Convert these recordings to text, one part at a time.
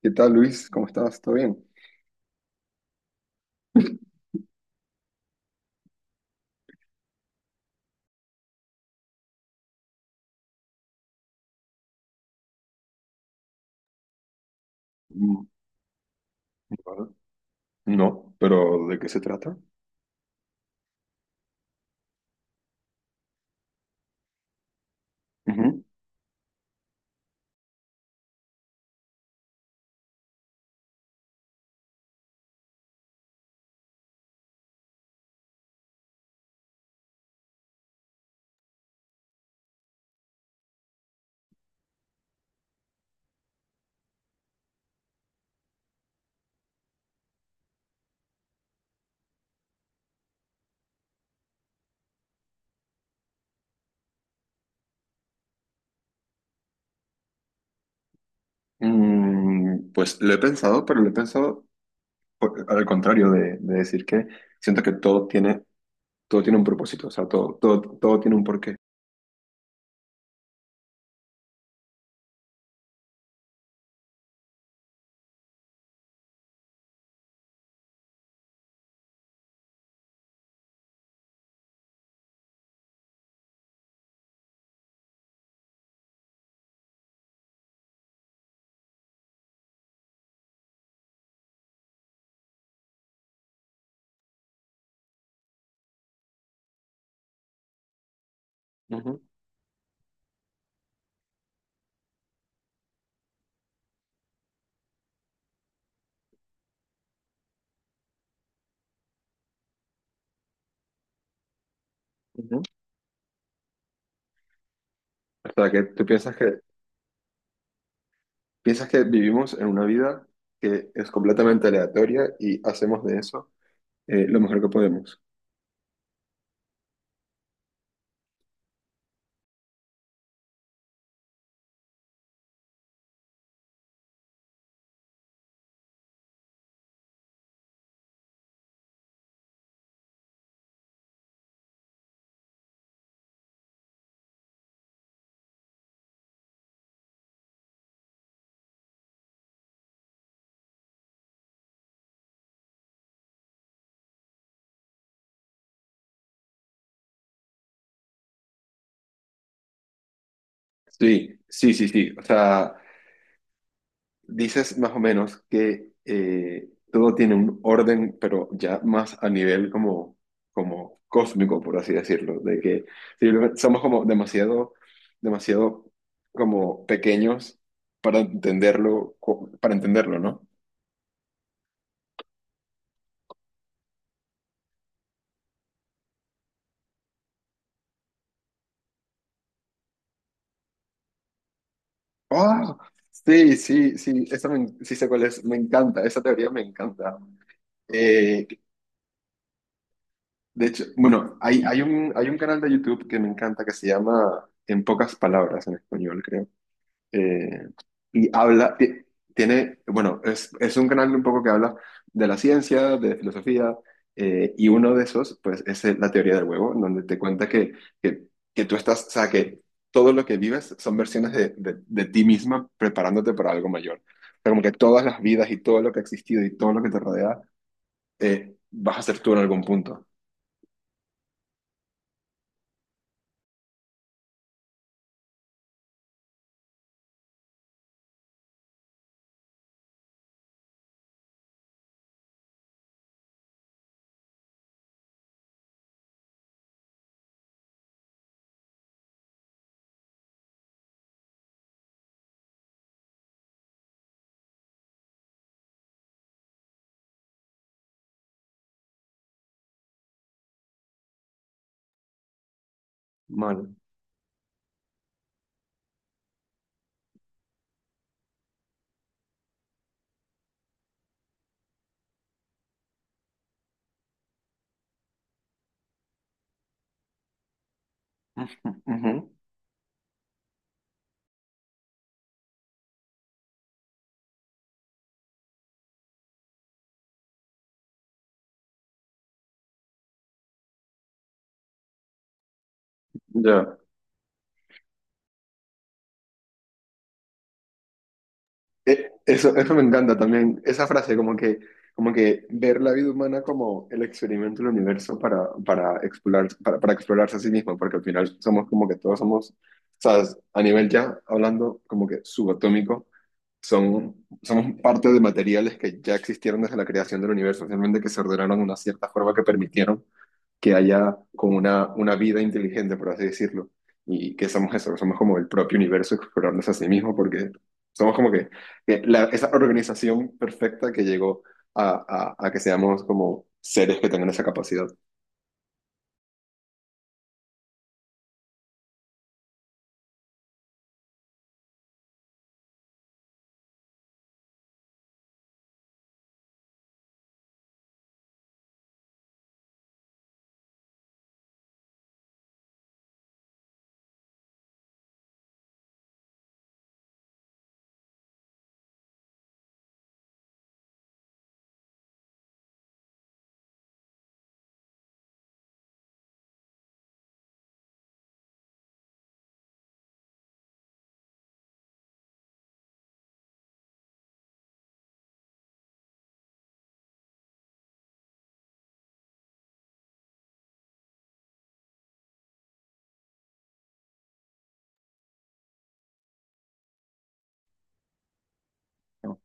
¿Qué tal, Luis? ¿Cómo estás? ¿Todo bien? Mm, vale. No, pero ¿de qué se trata? Ujú. Mm, pues lo he pensado, pero lo he pensado al contrario de decir que siento que todo tiene un propósito, o sea, todo, todo, todo tiene un porqué. Ujú, ujú. O sea, que tú piensas que vivimos en una vida que es completamente aleatoria y hacemos de eso lo mejor que podemos. Sí, sí, sí, sí. O sea, dices más o menos que todo tiene un orden, pero ya más a nivel como, como cósmico, por así decirlo, de que simplemente somos como demasiado, demasiado como pequeños para entenderlo, para entenderlo, ¿no? ¡Ah! Sí, sí, sí, esa me, sí sé cuál es, me encanta, esa teoría me encanta. Eh, de hecho, bueno, hay un canal de YouTube que me encanta que se llama En pocas palabras en español, creo. eh, habla, bueno, es un canal un poco que habla de la ciencia, de filosofía, y uno de esos, pues, es la teoría del huevo, en donde te cuenta que, que tú estás, o sea, que todo lo que vives son versiones de ti misma preparándote para algo mayor. O sea, como que todas las vidas y todo lo que ha existido y todo lo que te rodea, vas a ser tú en algún punto. Vale. Ujú, ujú. Ya. Eso, eso me encanta también, esa frase como que ver la vida humana como el experimento del universo para explorar, para explorarse a sí mismo, porque al final somos como que todos somos, ¿sabes? A nivel ya hablando como que subatómico, son, somos parte de materiales que ya existieron desde la creación del universo, simplemente que se ordenaron de una cierta forma que permitieron que haya como una vida inteligente, por así decirlo, y que somos eso, que somos como el propio universo explorándose a sí mismo, porque somos como que esa organización perfecta que llegó a que seamos como seres que tengan esa capacidad, ¿no?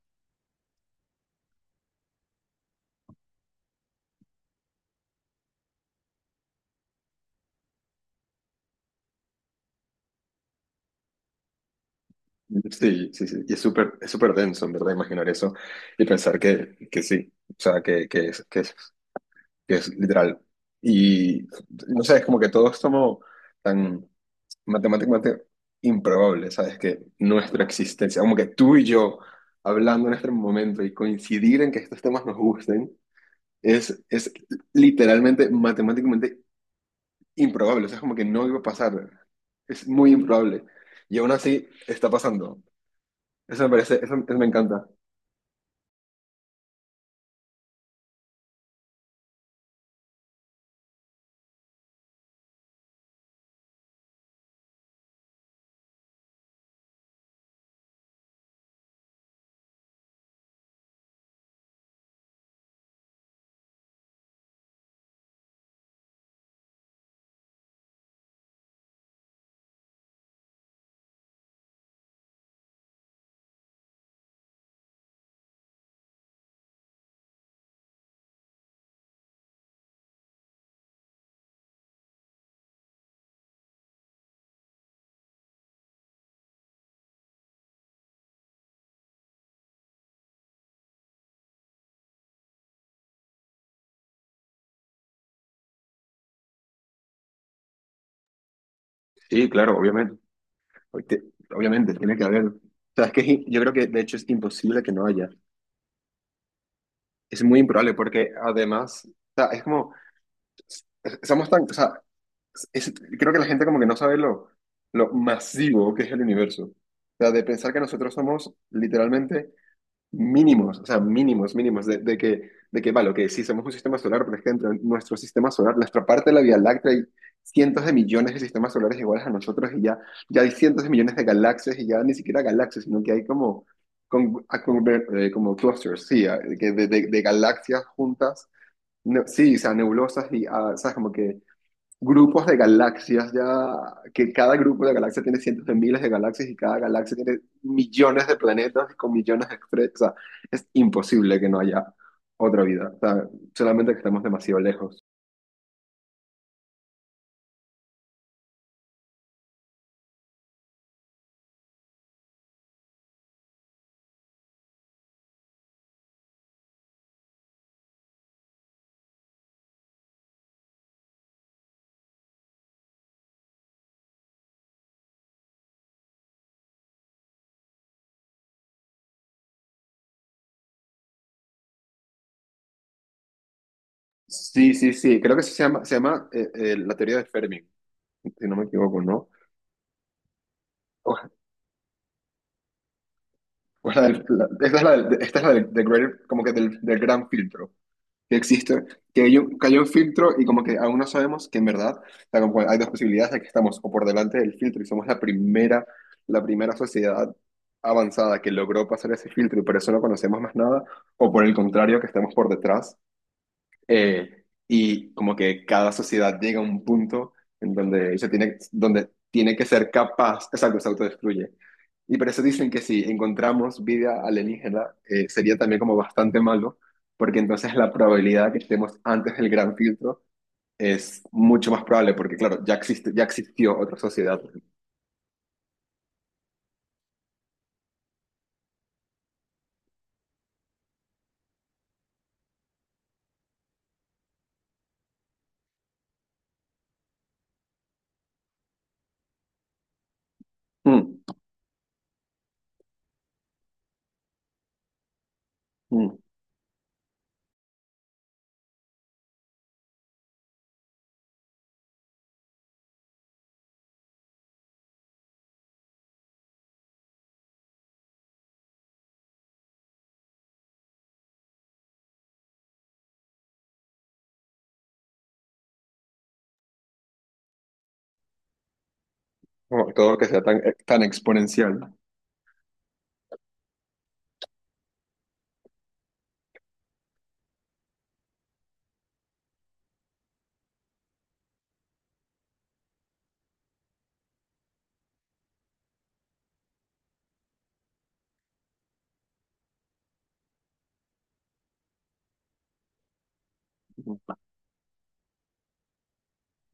Sí, sí, sí, y es súper denso, en verdad, imaginar eso y pensar que sí, o sea, que es, que es, que es literal. Y no sé, es como que todo es como tan matemáticamente improbable, ¿sabes? Que nuestra existencia, como que tú y yo hablando en este momento y coincidir en que estos temas nos gusten, es literalmente matemáticamente improbable, o sea, es como que no iba a pasar, es muy improbable. Y aún así está pasando. Eso me parece, eso me encanta. Sí, claro, obviamente. Hoy te- Obviamente, tiene que haber. O sea, es que es in- yo creo que de hecho es imposible que no haya. Es muy improbable porque además, o sea, es- somos tan, o sea, es- creo que la gente como que no sabe lo masivo que es el universo. O sea, de pensar que nosotros somos literalmente mínimos, o sea, mínimos, mínimos, vale, que sí, somos un sistema solar, por ejemplo nuestro sistema solar, nuestra parte de la Vía Láctea, hay cientos de millones de sistemas solares iguales a nosotros y ya, ya hay cientos de millones de galaxias y ya ni siquiera galaxias, sino que hay como, como clusters, sí, de galaxias juntas, sí, o sea, nebulosas y, ah, ¿sabes? Como que grupos de galaxias ya, que cada grupo de galaxias tiene cientos de miles de galaxias y cada galaxia tiene millones de planetas con millones de estrellas. O sea, es imposible que no haya otra vida. O sea, solamente que estamos demasiado lejos. Sí, sí, sí. Creo que se llama la teoría de Fermi, si no me equivoco, ¿no? O- o la esta es la, esta es la del, del greater, como que del, del gran filtro. Que existe, que hay un filtro y como que aún no sabemos que en verdad, o sea, como hay dos posibilidades de que estamos o por delante del filtro y somos la primera sociedad avanzada que logró pasar ese filtro y por eso no conocemos más nada, o por el contrario, que estamos por detrás y como que cada sociedad llega a un punto en donde se tiene, donde tiene que ser capaz, exacto, se autodestruye. Y por eso dicen que si encontramos vida alienígena, sería también como bastante malo, porque entonces la probabilidad de que estemos antes del gran filtro es mucho más probable, porque claro, ya existe, ya existió otra sociedad. Mm, mm. Como todo lo que sea tan, tan exponencial.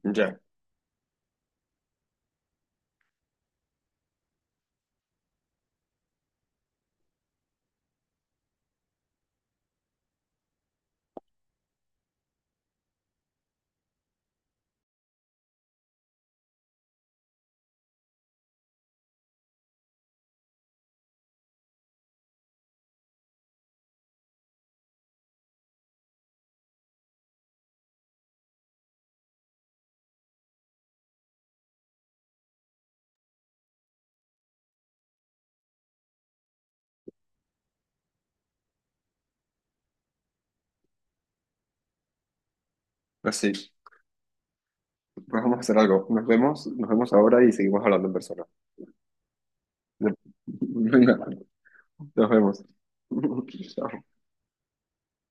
Ya, así. Pues vamos a hacer algo. Nos vemos ahora y seguimos hablando en persona. Venga, nos vemos. Chao.